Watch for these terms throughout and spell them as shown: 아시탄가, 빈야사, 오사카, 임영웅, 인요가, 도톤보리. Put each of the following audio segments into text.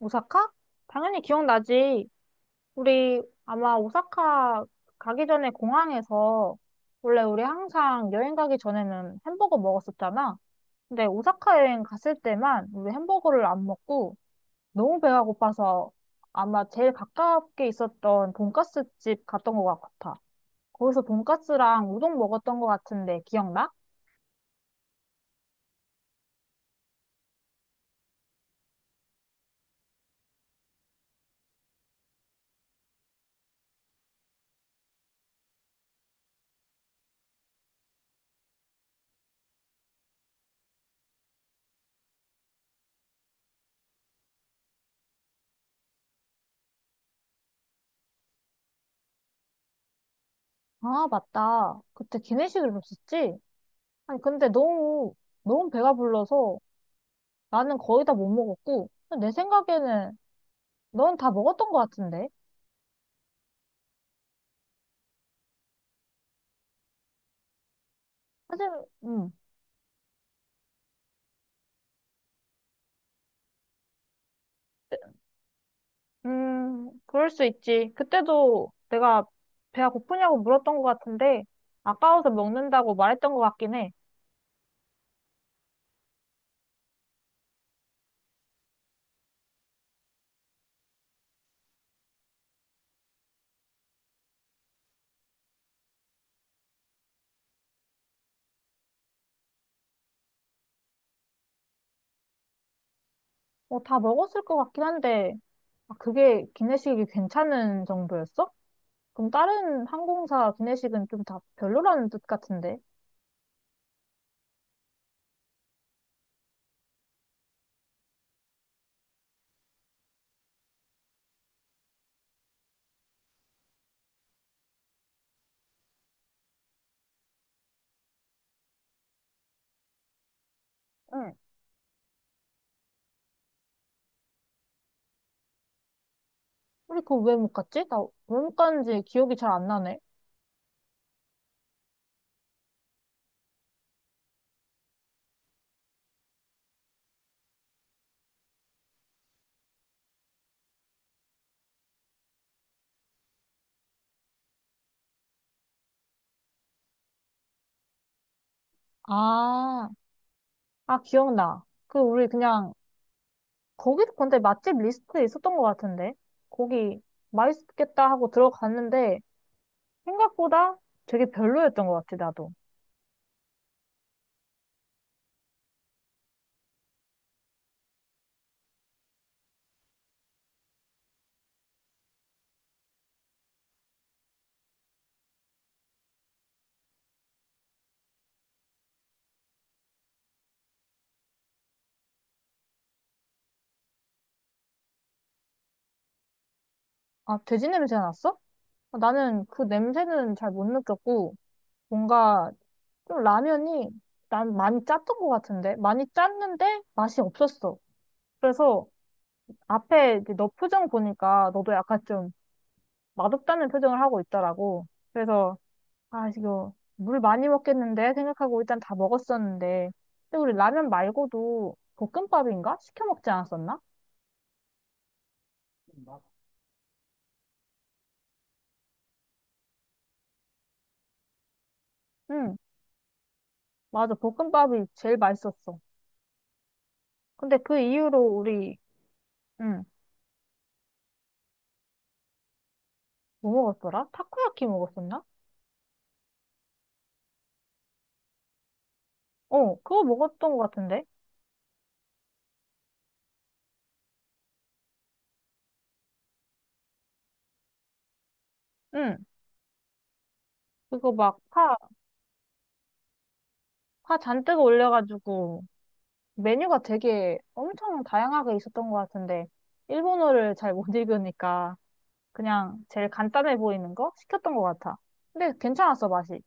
오사카? 당연히 기억나지. 우리 아마 오사카 가기 전에 공항에서 원래 우리 항상 여행 가기 전에는 햄버거 먹었었잖아. 근데 오사카 여행 갔을 때만 우리 햄버거를 안 먹고 너무 배가 고파서 아마 제일 가깝게 있었던 돈까스 집 갔던 것 같아. 거기서 돈까스랑 우동 먹었던 것 같은데 기억나? 아, 맞다. 그때 기내식을 먹었지? 아니, 근데 너무, 너무 배가 불러서 나는 거의 다 못 먹었고, 내 생각에는 넌 다 먹었던 것 같은데? 사실, 음, 그럴 수 있지. 그때도 내가 배가 고프냐고 물었던 것 같은데, 아까워서 먹는다고 말했던 것 같긴 해. 뭐, 다 먹었을 것 같긴 한데, 아, 그게 기내식이 괜찮은 정도였어? 그럼 다른 항공사 기내식은 좀 다 별로라는 뜻 같은데? 응. 우리 그거 왜 못 갔지? 나 왜 못 갔는지 기억이 잘 안 나네. 아, 아, 기억나. 그, 우리 그냥 거기도 근데 맛집 리스트에 있었던 것 같은데. 거기 맛있겠다 하고 들어갔는데 생각보다 되게 별로였던 것 같아, 나도. 아, 돼지 냄새 났어? 아, 나는 그 냄새는 잘 못 느꼈고 뭔가 좀 라면이 난 많이 짰던 것 같은데 많이 짰는데 맛이 없었어. 그래서 앞에 이제 너 표정 보니까 너도 약간 좀 맛없다는 표정을 하고 있더라고. 그래서 아, 이거 물 많이 먹겠는데 생각하고 일단 다 먹었었는데. 근데 우리 라면 말고도 볶음밥인가? 시켜 먹지 않았었나? 응, 맞아. 볶음밥이 제일 맛있었어. 근데 그 이후로 우리, 응, 뭐 먹었더라? 타코야키 먹었었나? 어, 그거 먹었던 것 같은데? 응, 그거 막 파 잔뜩 올려가지고 메뉴가 되게 엄청 다양하게 있었던 것 같은데 일본어를 잘 못 읽으니까 그냥 제일 간단해 보이는 거 시켰던 것 같아. 근데 괜찮았어, 맛이.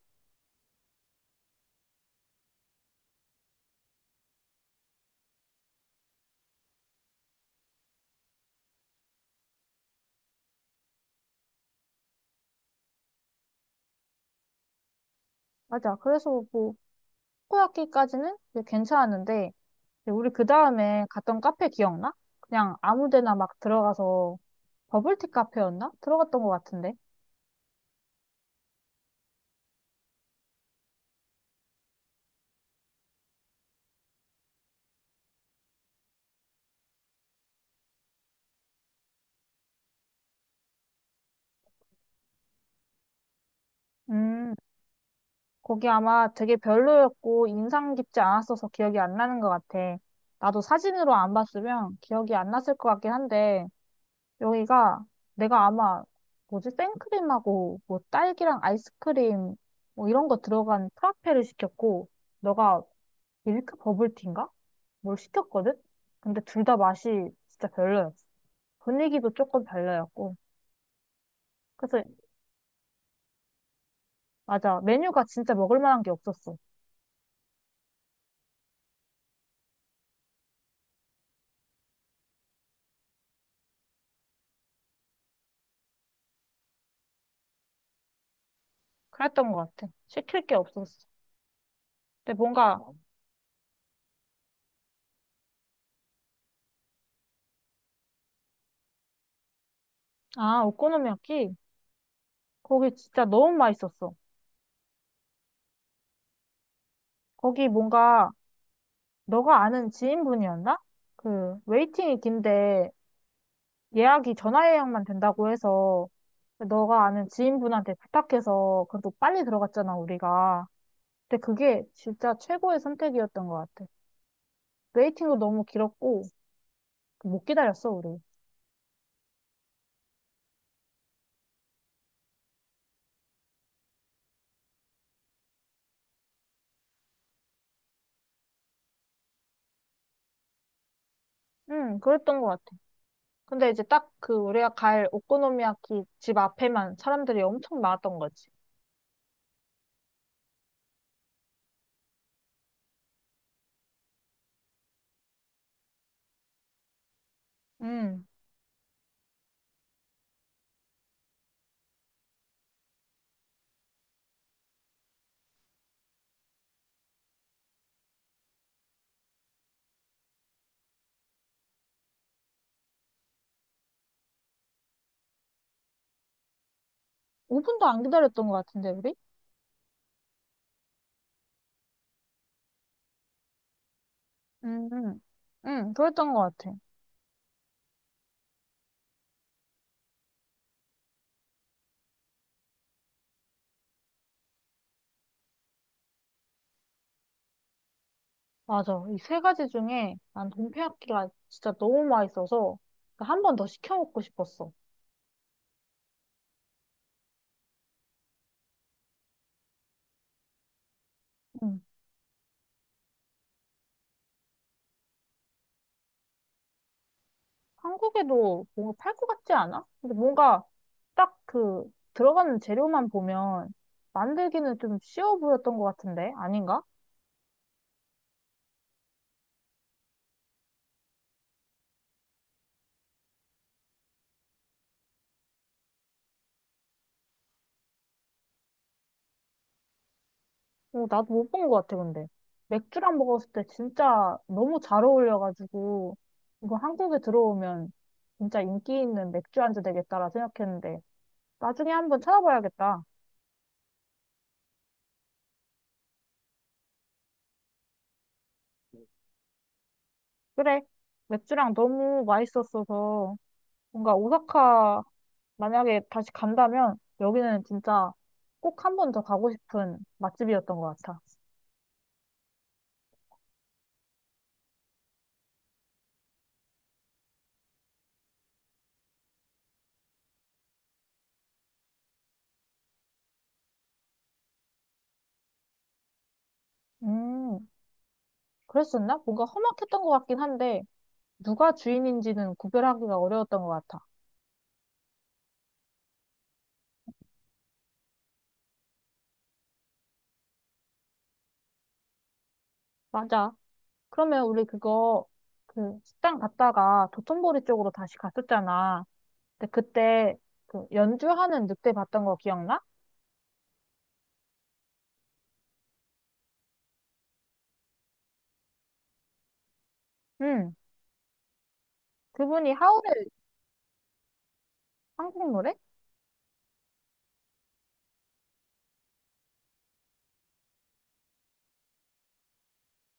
맞아. 그래서 뭐 코야키까지는 이제 괜찮았는데 이제 우리 그 다음에 갔던 카페 기억나? 그냥 아무 데나 막 들어가서 버블티 카페였나? 들어갔던 것 같은데. 음, 거기 아마 되게 별로였고 인상 깊지 않았어서 기억이 안 나는 것 같아. 나도 사진으로 안 봤으면 기억이 안 났을 것 같긴 한데 여기가 내가 아마 뭐지? 생크림하고 뭐 딸기랑 아이스크림 뭐 이런 거 들어간 프라페를 시켰고 너가 밀크 버블티인가? 뭘 시켰거든? 근데 둘 다 맛이 진짜 별로였어. 분위기도 조금 별로였고. 그래서, 맞아. 메뉴가 진짜 먹을 만한 게 없었어. 그랬던 것 같아. 시킬 게 없었어. 근데 뭔가, 아, 오코노미야키? 거기 진짜 너무 맛있었어. 거기 뭔가, 너가 아는 지인분이었나? 그, 웨이팅이 긴데, 예약이 전화 예약만 된다고 해서, 너가 아는 지인분한테 부탁해서, 그래도 빨리 들어갔잖아, 우리가. 근데 그게 진짜 최고의 선택이었던 것 같아. 웨이팅도 너무 길었고, 못 기다렸어, 우리. 응, 그랬던 것 같아. 근데 이제 딱 그 우리가 갈 오코노미야키 집 앞에만 사람들이 엄청 많았던 거지. 응. 5분도 안 기다렸던 것 같은데, 우리? 응, 응. 응, 그랬던 것 같아. 맞아. 이 세 가지 중에 난 동태야끼가 진짜 너무 맛있어서 한 번 더 시켜 먹고 싶었어. 한국에도 뭔가 팔 것 같지 않아? 근데 뭔가 딱 그 들어가는 재료만 보면 만들기는 좀 쉬워 보였던 것 같은데 아닌가? 어, 나도 못 본 것 같아 근데 맥주랑 먹었을 때 진짜 너무 잘 어울려가지고 이거 한국에 들어오면 진짜 인기 있는 맥주 안주 되겠다라 생각했는데 나중에 한번 찾아봐야겠다. 그래 맥주랑 너무 맛있었어서 뭔가 오사카 만약에 다시 간다면 여기는 진짜 꼭 한 번 더 가고 싶은 맛집이었던 것 같아. 음, 그랬었나? 뭔가 험악했던 것 같긴 한데 누가 주인인지는 구별하기가 어려웠던 것 같아. 맞아. 그러면 우리 그거 그 식당 갔다가 도톤보리 쪽으로 다시 갔었잖아. 근데 그때 그 연주하는 늑대 봤던 거 기억나? 응. 그분이 하울의 한국 노래?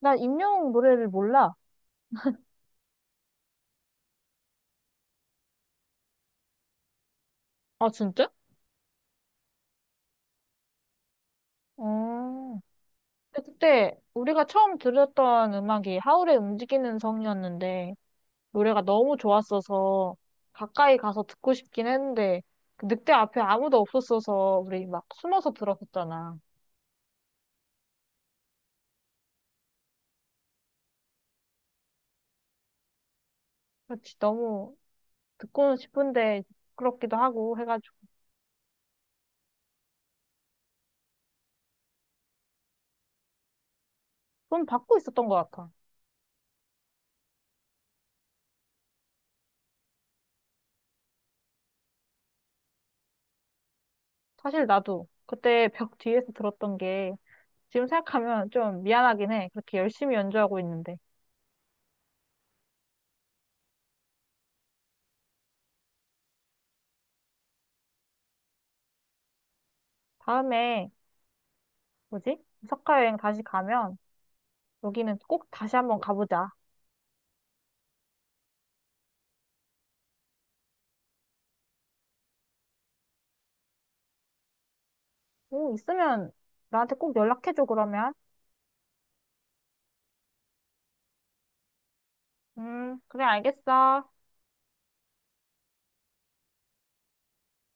나 임영웅 노래를 몰라. 아, 진짜? 어. 근데 그때 우리가 처음 들었던 음악이 하울의 움직이는 성이었는데 노래가 너무 좋았어서 가까이 가서 듣고 싶긴 했는데 그 늑대 앞에 아무도 없었어서 우리 막 숨어서 들었었잖아. 그렇지 너무 듣고는 싶은데 부끄럽기도 하고 해가지고 좀 받고 있었던 것 같아. 사실 나도 그때 벽 뒤에서 들었던 게 지금 생각하면 좀 미안하긴 해. 그렇게 열심히 연주하고 있는데 다음에 뭐지? 오사카 여행 다시 가면 여기는 꼭 다시 한번 가보자. 오, 있으면 나한테 꼭 연락해줘, 그러면. 그래, 알겠어.